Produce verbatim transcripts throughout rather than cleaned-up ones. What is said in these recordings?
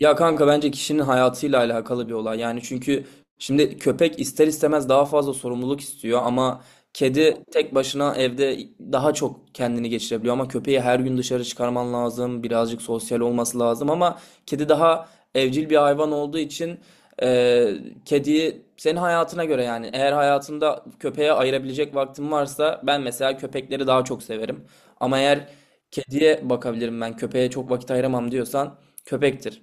Ya kanka bence kişinin hayatıyla alakalı bir olay. Yani çünkü şimdi köpek ister istemez daha fazla sorumluluk istiyor ama kedi tek başına evde daha çok kendini geçirebiliyor ama köpeği her gün dışarı çıkarman lazım. Birazcık sosyal olması lazım ama kedi daha evcil bir hayvan olduğu için e, kediyi senin hayatına göre yani eğer hayatında köpeğe ayırabilecek vaktin varsa ben mesela köpekleri daha çok severim. Ama eğer kediye bakabilirim ben köpeğe çok vakit ayıramam diyorsan köpektir.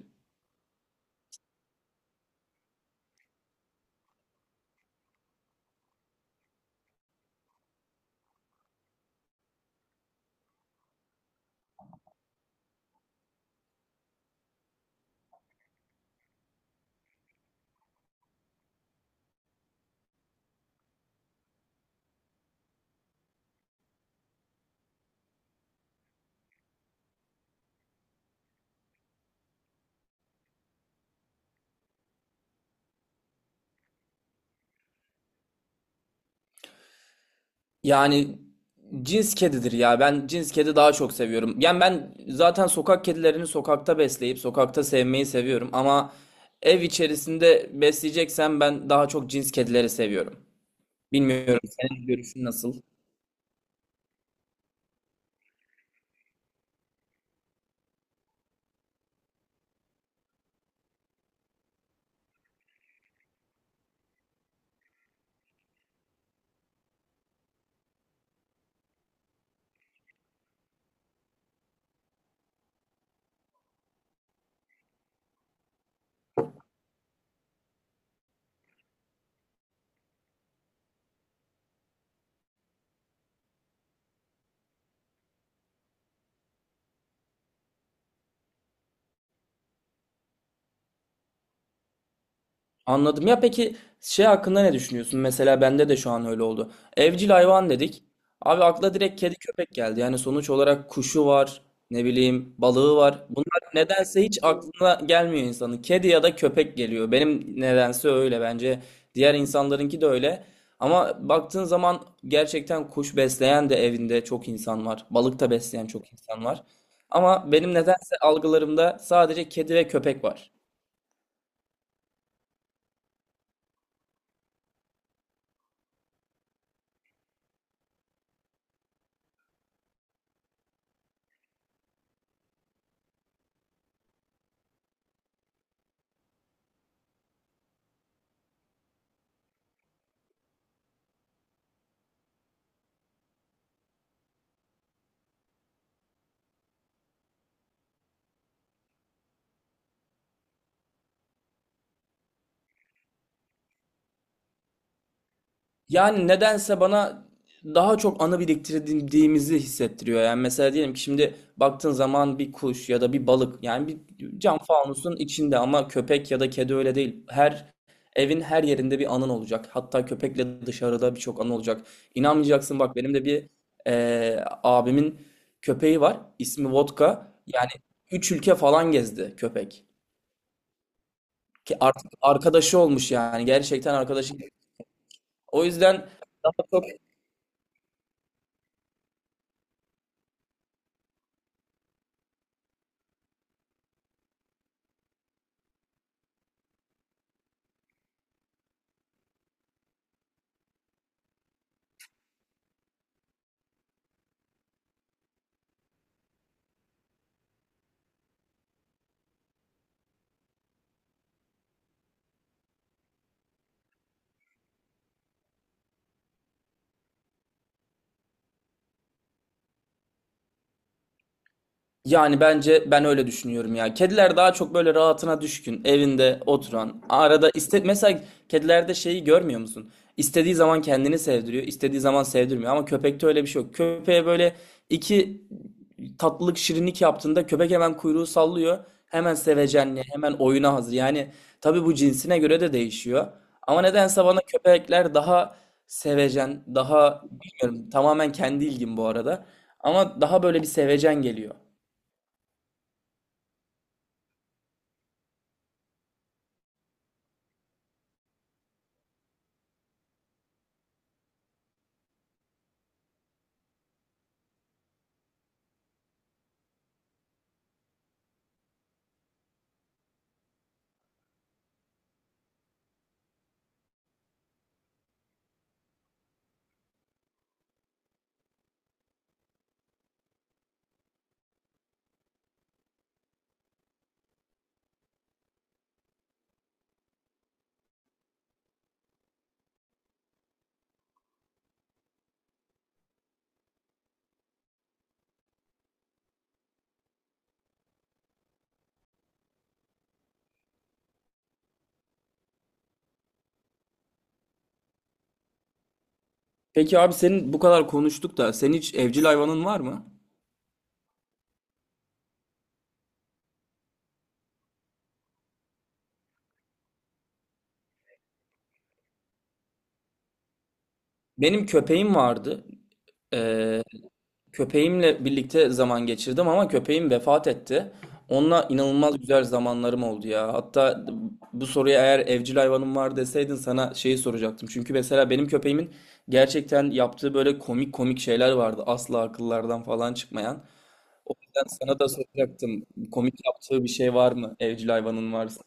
Yani cins kedidir ya. Ben cins kedi daha çok seviyorum. Yani ben zaten sokak kedilerini sokakta besleyip sokakta sevmeyi seviyorum. Ama ev içerisinde besleyeceksem ben daha çok cins kedileri seviyorum. Bilmiyorum senin görüşün nasıl? Anladım. Ya peki şey hakkında ne düşünüyorsun? Mesela bende de şu an öyle oldu. Evcil hayvan dedik. Abi akla direkt kedi köpek geldi. Yani sonuç olarak kuşu var, ne bileyim balığı var. Bunlar nedense hiç aklına gelmiyor insanın. Kedi ya da köpek geliyor. Benim nedense öyle bence. Diğer insanlarınki de öyle. Ama baktığın zaman gerçekten kuş besleyen de evinde çok insan var. Balık da besleyen çok insan var. Ama benim nedense algılarımda sadece kedi ve köpek var. Yani nedense bana daha çok anı biriktirdiğimizi hissettiriyor. Yani mesela diyelim ki şimdi baktığın zaman bir kuş ya da bir balık yani bir cam fanusun içinde ama köpek ya da kedi öyle değil. Her evin her yerinde bir anın olacak. Hatta köpekle dışarıda birçok anı olacak. İnanmayacaksın bak benim de bir eee, abimin köpeği var. İsmi Vodka. Yani üç ülke falan gezdi köpek. Ki artık arkadaşı olmuş yani gerçekten arkadaşı. O yüzden daha çok Yani bence ben öyle düşünüyorum ya. Kediler daha çok böyle rahatına düşkün, evinde oturan, arada iste mesela kedilerde şeyi görmüyor musun? İstediği zaman kendini sevdiriyor, istediği zaman sevdirmiyor ama köpekte öyle bir şey yok. Köpeğe böyle iki tatlılık şirinlik yaptığında köpek hemen kuyruğu sallıyor. Hemen sevecenliğe, hemen oyuna hazır. Yani tabii bu cinsine göre de değişiyor. Ama nedense bana köpekler daha sevecen, daha bilmiyorum tamamen kendi ilgim bu arada. Ama daha böyle bir sevecen geliyor. Peki abi senin bu kadar konuştuk da senin hiç evcil hayvanın var mı? Benim köpeğim vardı. Ee, köpeğimle birlikte zaman geçirdim ama köpeğim vefat etti. Onunla inanılmaz güzel zamanlarım oldu ya. Hatta bu soruya eğer evcil hayvanım var deseydin sana şeyi soracaktım. Çünkü mesela benim köpeğimin gerçekten yaptığı böyle komik komik şeyler vardı. Asla akıllardan falan çıkmayan. O yüzden sana da soracaktım. Komik yaptığı bir şey var mı? Evcil hayvanın varsa.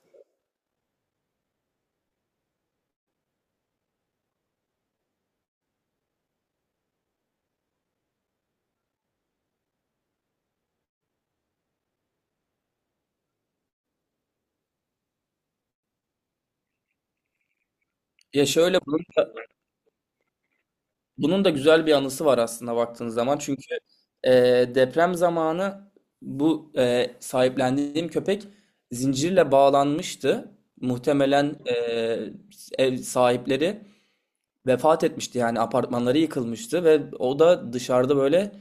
Ya şöyle bunun da Bunun da güzel bir anısı var aslında baktığınız zaman. Çünkü e, deprem zamanı bu e, sahiplendiğim köpek zincirle bağlanmıştı. Muhtemelen e, ev sahipleri vefat etmişti yani apartmanları yıkılmıştı ve o da dışarıda böyle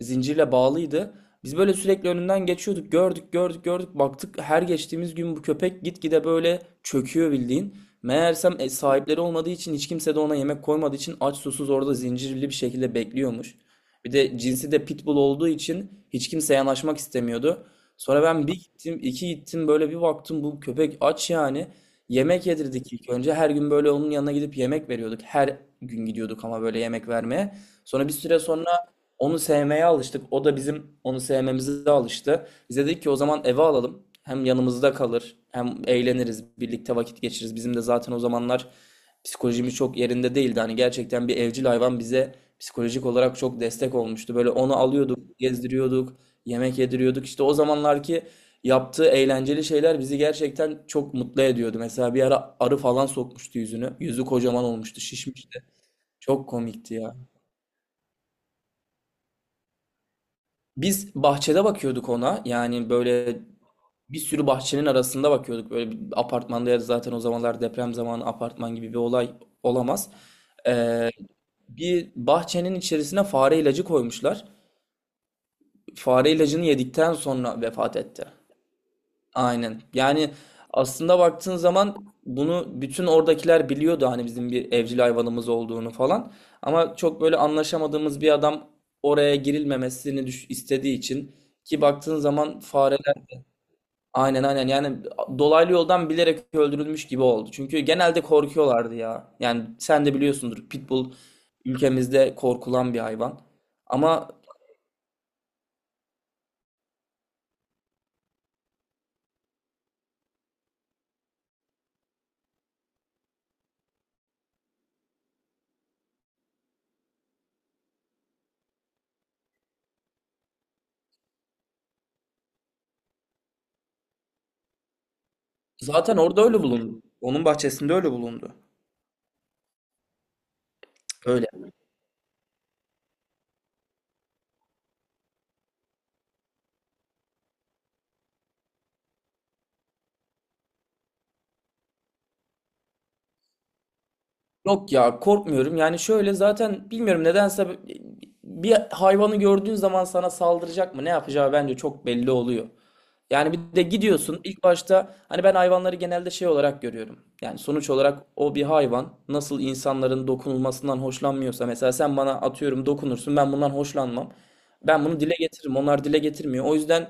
zincirle bağlıydı. Biz böyle sürekli önünden geçiyorduk. Gördük, gördük, gördük. Baktık her geçtiğimiz gün bu köpek gitgide böyle çöküyor bildiğin. Meğersem e, sahipleri olmadığı için hiç kimse de ona yemek koymadığı için aç susuz orada zincirli bir şekilde bekliyormuş. Bir de cinsi de pitbull olduğu için hiç kimse yanaşmak istemiyordu. Sonra ben bir gittim, iki gittim böyle bir baktım bu köpek aç yani. Yemek yedirdik ilk önce. Her gün böyle onun yanına gidip yemek veriyorduk. Her gün gidiyorduk ama böyle yemek vermeye. Sonra bir süre sonra onu sevmeye alıştık. O da bizim onu sevmemize alıştı. Bize dedik ki o zaman eve alalım. Hem yanımızda kalır, hem eğleniriz, birlikte vakit geçiririz. Bizim de zaten o zamanlar psikolojimiz çok yerinde değildi. Hani gerçekten bir evcil hayvan bize psikolojik olarak çok destek olmuştu. Böyle onu alıyorduk, gezdiriyorduk, yemek yediriyorduk. İşte o zamanlarki yaptığı eğlenceli şeyler bizi gerçekten çok mutlu ediyordu. Mesela bir ara arı falan sokmuştu yüzünü. Yüzü kocaman olmuştu, şişmişti. Çok komikti ya. Biz bahçede bakıyorduk ona. Yani böyle bir sürü bahçenin arasında bakıyorduk. Böyle bir apartmanda ya da zaten o zamanlar deprem zamanı apartman gibi bir olay olamaz. Ee, bir bahçenin içerisine fare ilacı koymuşlar. Fare ilacını yedikten sonra vefat etti. Aynen. Yani aslında baktığın zaman bunu bütün oradakiler biliyordu hani bizim bir evcil hayvanımız olduğunu falan. Ama çok böyle anlaşamadığımız bir adam oraya girilmemesini düş- istediği için ki baktığın zaman fare Aynen aynen yani dolaylı yoldan bilerek öldürülmüş gibi oldu. Çünkü genelde korkuyorlardı ya. Yani sen de biliyorsundur Pitbull ülkemizde korkulan bir hayvan. Ama zaten orada öyle bulundu. Onun bahçesinde öyle bulundu. Öyle. Yok ya korkmuyorum. Yani şöyle zaten bilmiyorum nedense bir hayvanı gördüğün zaman sana saldıracak mı ne yapacağı bence çok belli oluyor. Yani bir de gidiyorsun ilk başta hani ben hayvanları genelde şey olarak görüyorum. Yani sonuç olarak o bir hayvan nasıl insanların dokunulmasından hoşlanmıyorsa mesela sen bana atıyorum dokunursun ben bundan hoşlanmam. Ben bunu dile getiririm onlar dile getirmiyor. O yüzden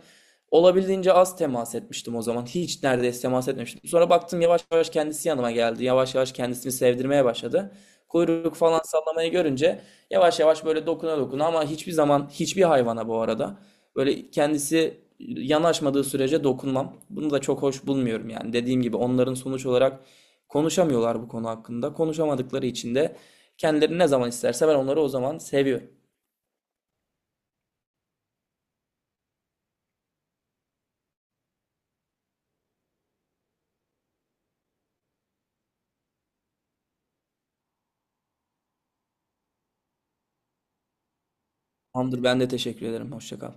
olabildiğince az temas etmiştim o zaman. Hiç neredeyse temas etmemiştim. Sonra baktım yavaş yavaş kendisi yanıma geldi. Yavaş yavaş kendisini sevdirmeye başladı. Kuyruk falan sallamayı görünce yavaş yavaş böyle dokuna dokuna ama hiçbir zaman hiçbir hayvana bu arada böyle kendisi yanaşmadığı sürece dokunmam. Bunu da çok hoş bulmuyorum yani. Dediğim gibi onların sonuç olarak konuşamıyorlar bu konu hakkında. Konuşamadıkları için de kendileri ne zaman isterse ben onları o zaman seviyorum. Tamamdır ben de teşekkür ederim. Hoşça kal.